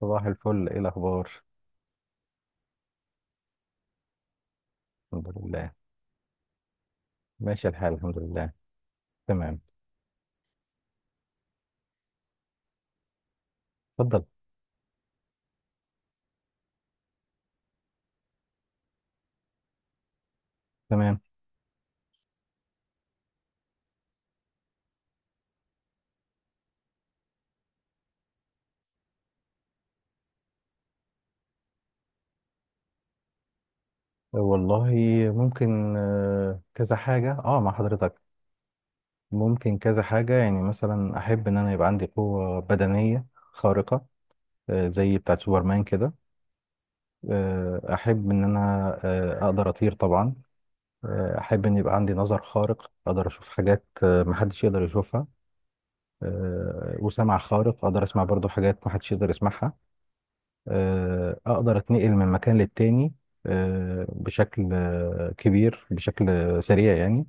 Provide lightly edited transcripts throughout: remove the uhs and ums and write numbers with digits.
صباح الفل، ايه الاخبار؟ الحمد لله. ماشي الحال، الحمد لله. تمام. اتفضل. تمام. والله، ممكن كذا حاجة اه مع حضرتك. ممكن كذا حاجة، يعني مثلا احب ان انا يبقى عندي قوة بدنية خارقة، زي بتاعة سوبرمان كده. احب ان انا اقدر اطير طبعا. احب ان يبقى عندي نظر خارق، اقدر اشوف حاجات محدش يقدر يشوفها. وسمع خارق، اقدر اسمع برضو حاجات محدش يقدر يسمعها. اقدر اتنقل من مكان للتاني بشكل كبير، بشكل سريع يعني.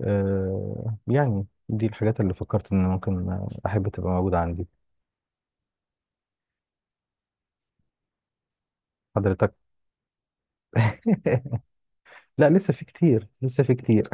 يعني دي الحاجات اللي فكرت ان ممكن احب تبقى موجودة عندي، حضرتك. لا، لسه في كتير.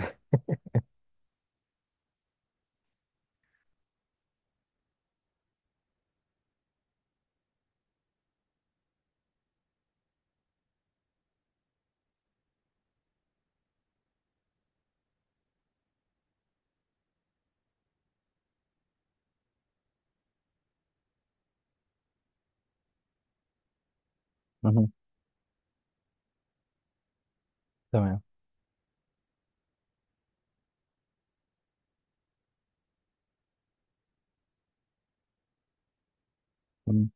مهم. تمام. مم.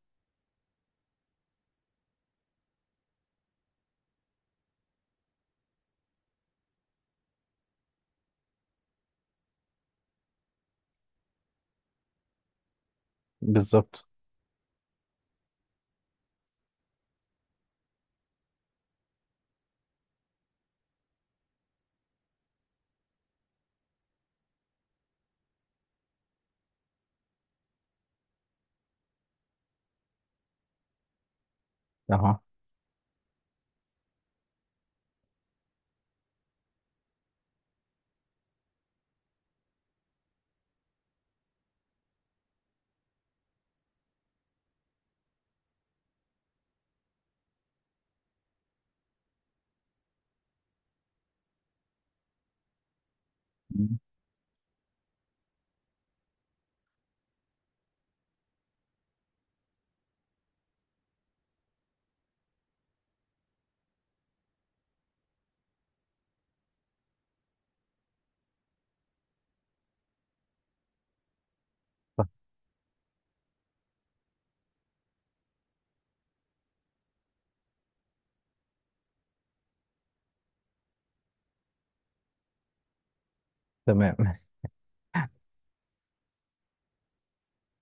بالظبط. اها. مم. صح. تمام.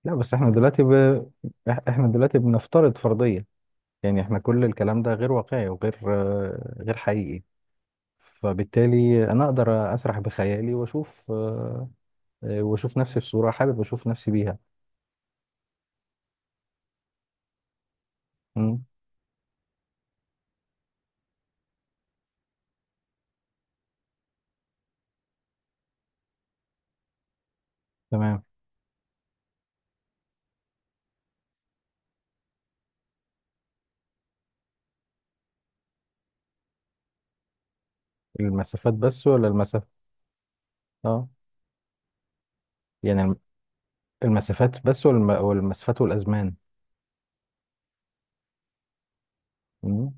لا، بس احنا دلوقتي احنا دلوقتي بنفترض فرضية. يعني احنا كل الكلام ده غير واقعي وغير غير حقيقي. فبالتالي انا اقدر اسرح بخيالي واشوف واشوف نفسي في صورة حابب اشوف نفسي بيها. مم. تمام. المسافات بس ولا المسافة؟ اه، يعني المسافات بس والمسافات والازمان. مم.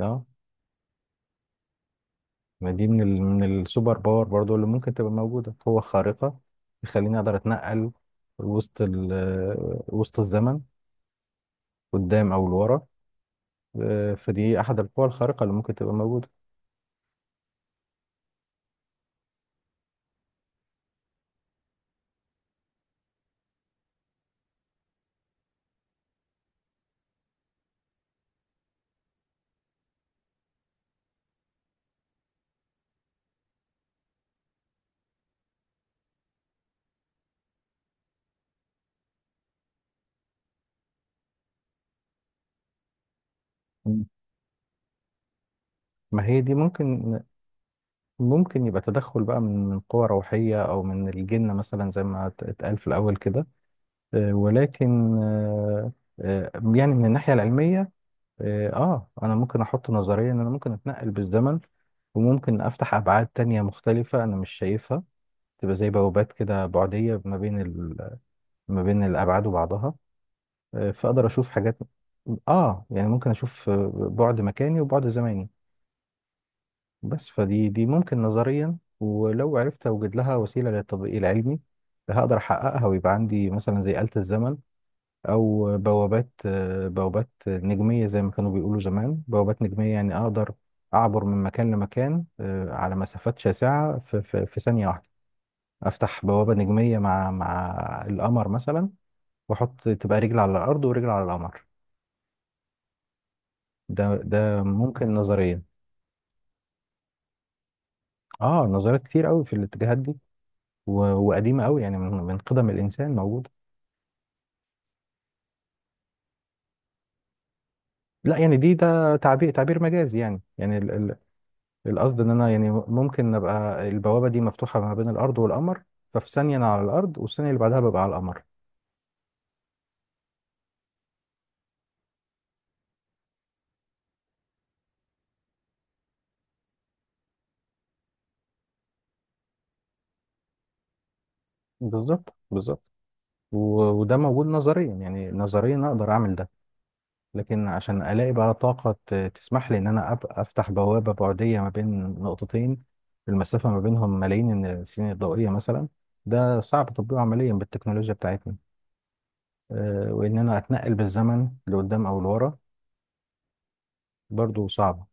اه. ما دي من من السوبر باور برضو، اللي ممكن تبقى موجودة قوة خارقة تخليني اقدر اتنقل وسط ال... آه، وسط الزمن، قدام او لورا. فدي احد القوى الخارقة اللي ممكن تبقى موجودة. مم. ما هي دي ممكن. ممكن يبقى تدخل بقى من قوى روحية أو من الجن مثلا، زي ما اتقال في الأول كده. ولكن يعني من الناحية العلمية، أنا ممكن أحط نظرية إن أنا ممكن أتنقل بالزمن، وممكن أفتح أبعاد تانية مختلفة أنا مش شايفها، تبقى زي بوابات كده بعدية ما بين ما بين الأبعاد وبعضها. فأقدر أشوف حاجات، آه يعني ممكن أشوف بعد مكاني وبعد زماني. بس فدي ممكن نظريا، ولو عرفت اوجد لها وسيله للتطبيق العلمي هقدر احققها، ويبقى عندي مثلا زي آلة الزمن، او بوابات نجميه، زي ما كانوا بيقولوا زمان بوابات نجميه، يعني اقدر اعبر من مكان لمكان على مسافات شاسعه في ثانيه واحده. افتح بوابه نجميه مع القمر مثلا، واحط تبقى رجل على الارض ورجل على القمر. ده ممكن نظريا. اه، نظريات كتير قوي في الاتجاهات دي، و- وقديمه قوي، يعني من قدم الانسان موجوده. لا، يعني ده تعبير مجازي. يعني القصد ان انا يعني ممكن ابقى البوابه دي مفتوحه ما بين الارض والقمر، ففي ثانيه انا على الارض، والثانيه اللي بعدها ببقى على القمر. بالظبط، بالظبط. وده موجود نظريا، يعني نظريا اقدر اعمل ده. لكن عشان الاقي بقى طاقه تسمح لي ان انا افتح بوابه بعديه ما بين نقطتين المسافه ما بينهم ملايين السنين الضوئيه مثلا، ده صعب تطبيقه عمليا بالتكنولوجيا بتاعتنا. وان انا اتنقل بالزمن لقدام او لورا، برضو صعبه.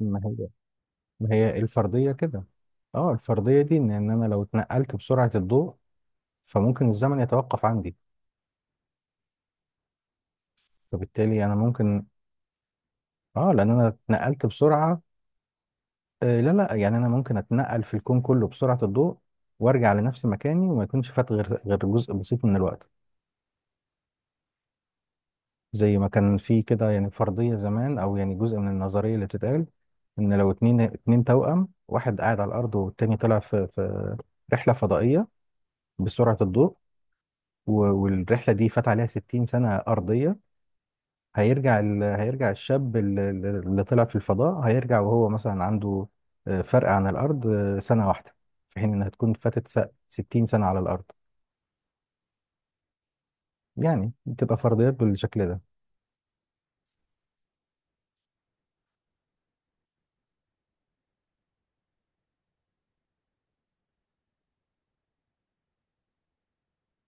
ما هي ما هي الفرضيه كده. اه، الفرضيه دي، ان انا لو اتنقلت بسرعه الضوء فممكن الزمن يتوقف عندي، فبالتالي انا ممكن. اه، لان انا اتنقلت بسرعه. آه لا، لا، يعني انا ممكن اتنقل في الكون كله بسرعه الضوء وارجع لنفس مكاني، وما يكونش فات غير جزء بسيط من الوقت. زي ما كان في كده، يعني فرضية زمان، أو يعني جزء من النظرية اللي بتتقال، إن لو اتنين توأم، واحد قاعد على الأرض، والتاني طلع في رحلة فضائية بسرعة الضوء، والرحلة دي فات عليها 60 سنة أرضية، هيرجع هيرجع الشاب اللي طلع في الفضاء، هيرجع وهو مثلا عنده فرق عن الأرض سنة واحدة، في حين إنها تكون فاتت 60 سنة على الأرض. يعني بتبقى فرضيات بالشكل ده.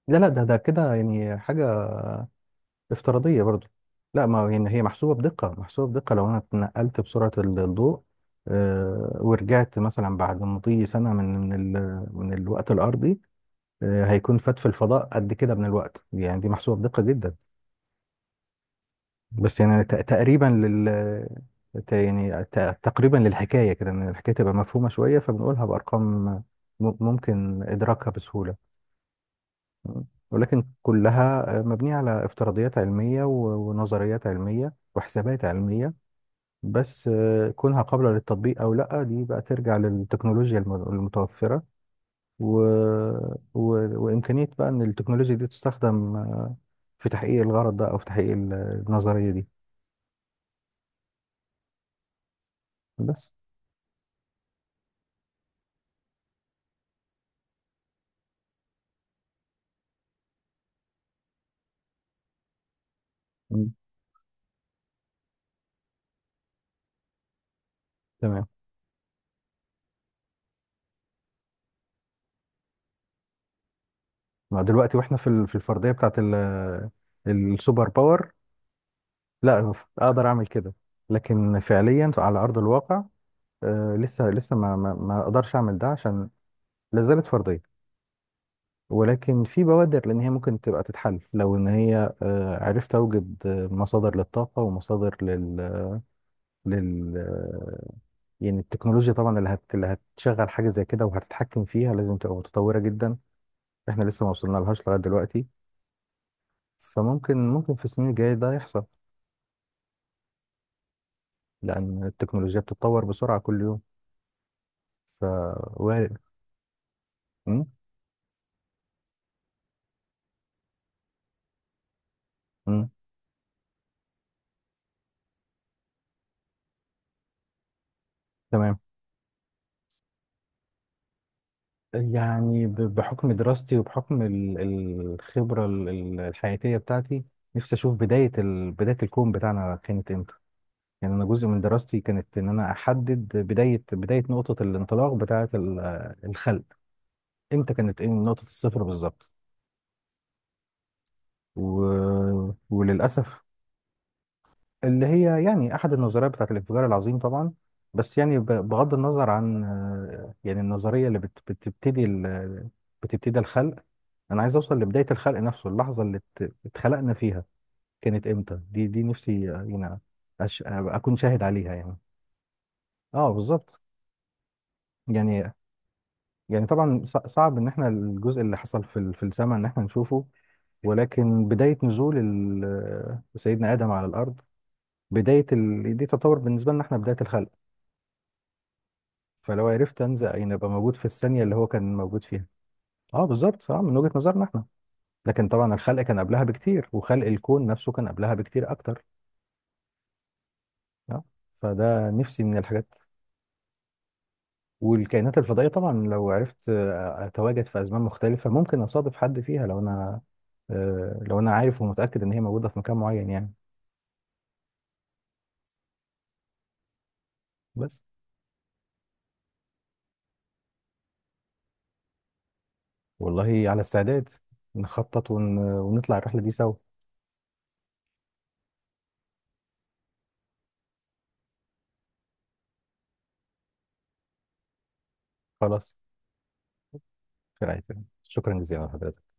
لا، لا، ده كده يعني حاجة افتراضية برضو. لا، ما هي يعني هي محسوبة بدقة، محسوبة بدقة، لو أنا اتنقلت بسرعة الضوء ورجعت مثلا بعد مضي سنة من من الوقت الأرضي، هيكون فات في الفضاء قد كده من الوقت. يعني دي محسوبة بدقة جدا، بس يعني تقريبا لل تقريبا للحكاية كده، إن الحكاية تبقى مفهومة شوية فبنقولها بأرقام ممكن إدراكها بسهولة. ولكن كلها مبنية على افتراضيات علمية ونظريات علمية وحسابات علمية. بس كونها قابلة للتطبيق أو لأ، دي بقى ترجع للتكنولوجيا المتوفرة و... و... وإمكانية بقى إن التكنولوجيا دي تستخدم في تحقيق الغرض ده، أو في تحقيق النظرية دي. بس. مم. تمام. ما دلوقتي وإحنا في في الفردية بتاعت السوبر باور. لأ، أقدر أعمل كده، لكن فعليا على أرض الواقع لسه ما أقدرش أعمل ده، عشان لا زالت فردية. ولكن في بوادر، لان هي ممكن تبقى تتحل لو ان هي عرفت اوجد مصادر للطاقه ومصادر لل لل آه، يعني التكنولوجيا طبعا اللي اللي هتشغل حاجه زي كده وهتتحكم فيها لازم تبقى متطوره جدا. احنا لسه ما وصلنا لهاش لغايه دلوقتي. فممكن في السنين الجايه ده يحصل، لان التكنولوجيا بتتطور بسرعه كل يوم، ف وارد. مم؟ مم. تمام. يعني بحكم دراستي، وبحكم الخبرة الحياتية بتاعتي، نفسي أشوف بداية بداية الكون بتاعنا كانت إمتى. يعني أنا جزء من دراستي كانت إن أنا أحدد بداية نقطة الانطلاق بتاعة الخلق، إمتى كانت، إيه نقطة الصفر بالظبط. و... وللأسف، اللي هي يعني احد النظريات بتاعت الانفجار العظيم طبعا. بس يعني بغض النظر عن يعني النظريه اللي بتبتدي الخلق، انا عايز اوصل لبدايه الخلق نفسه، اللحظه اللي اتخلقنا فيها كانت امتى. دي نفسي يعني أبقى اكون شاهد عليها يعني. اه، بالظبط. يعني طبعا صعب ان احنا الجزء اللي حصل في في السماء ان احنا نشوفه، ولكن بداية نزول سيدنا آدم على الأرض، بداية دي تعتبر بالنسبة لنا احنا بداية الخلق. فلو عرفت انزل يعني ابقى موجود في الثانيه اللي هو كان موجود فيها. اه، بالظبط، اه من وجهه نظرنا احنا. لكن طبعا الخلق كان قبلها بكتير، وخلق الكون نفسه كان قبلها بكتير اكتر. اه، فده نفسي من الحاجات، والكائنات الفضائيه طبعا. لو عرفت اتواجد في ازمان مختلفه ممكن اصادف حد فيها، لو انا لو انا عارف ومتاكد ان هي موجوده في مكان معين يعني. بس. والله، على استعداد. نخطط ونطلع الرحله دي سوا. خلاص. في رعايه الله. شكرا جزيلا لحضرتك.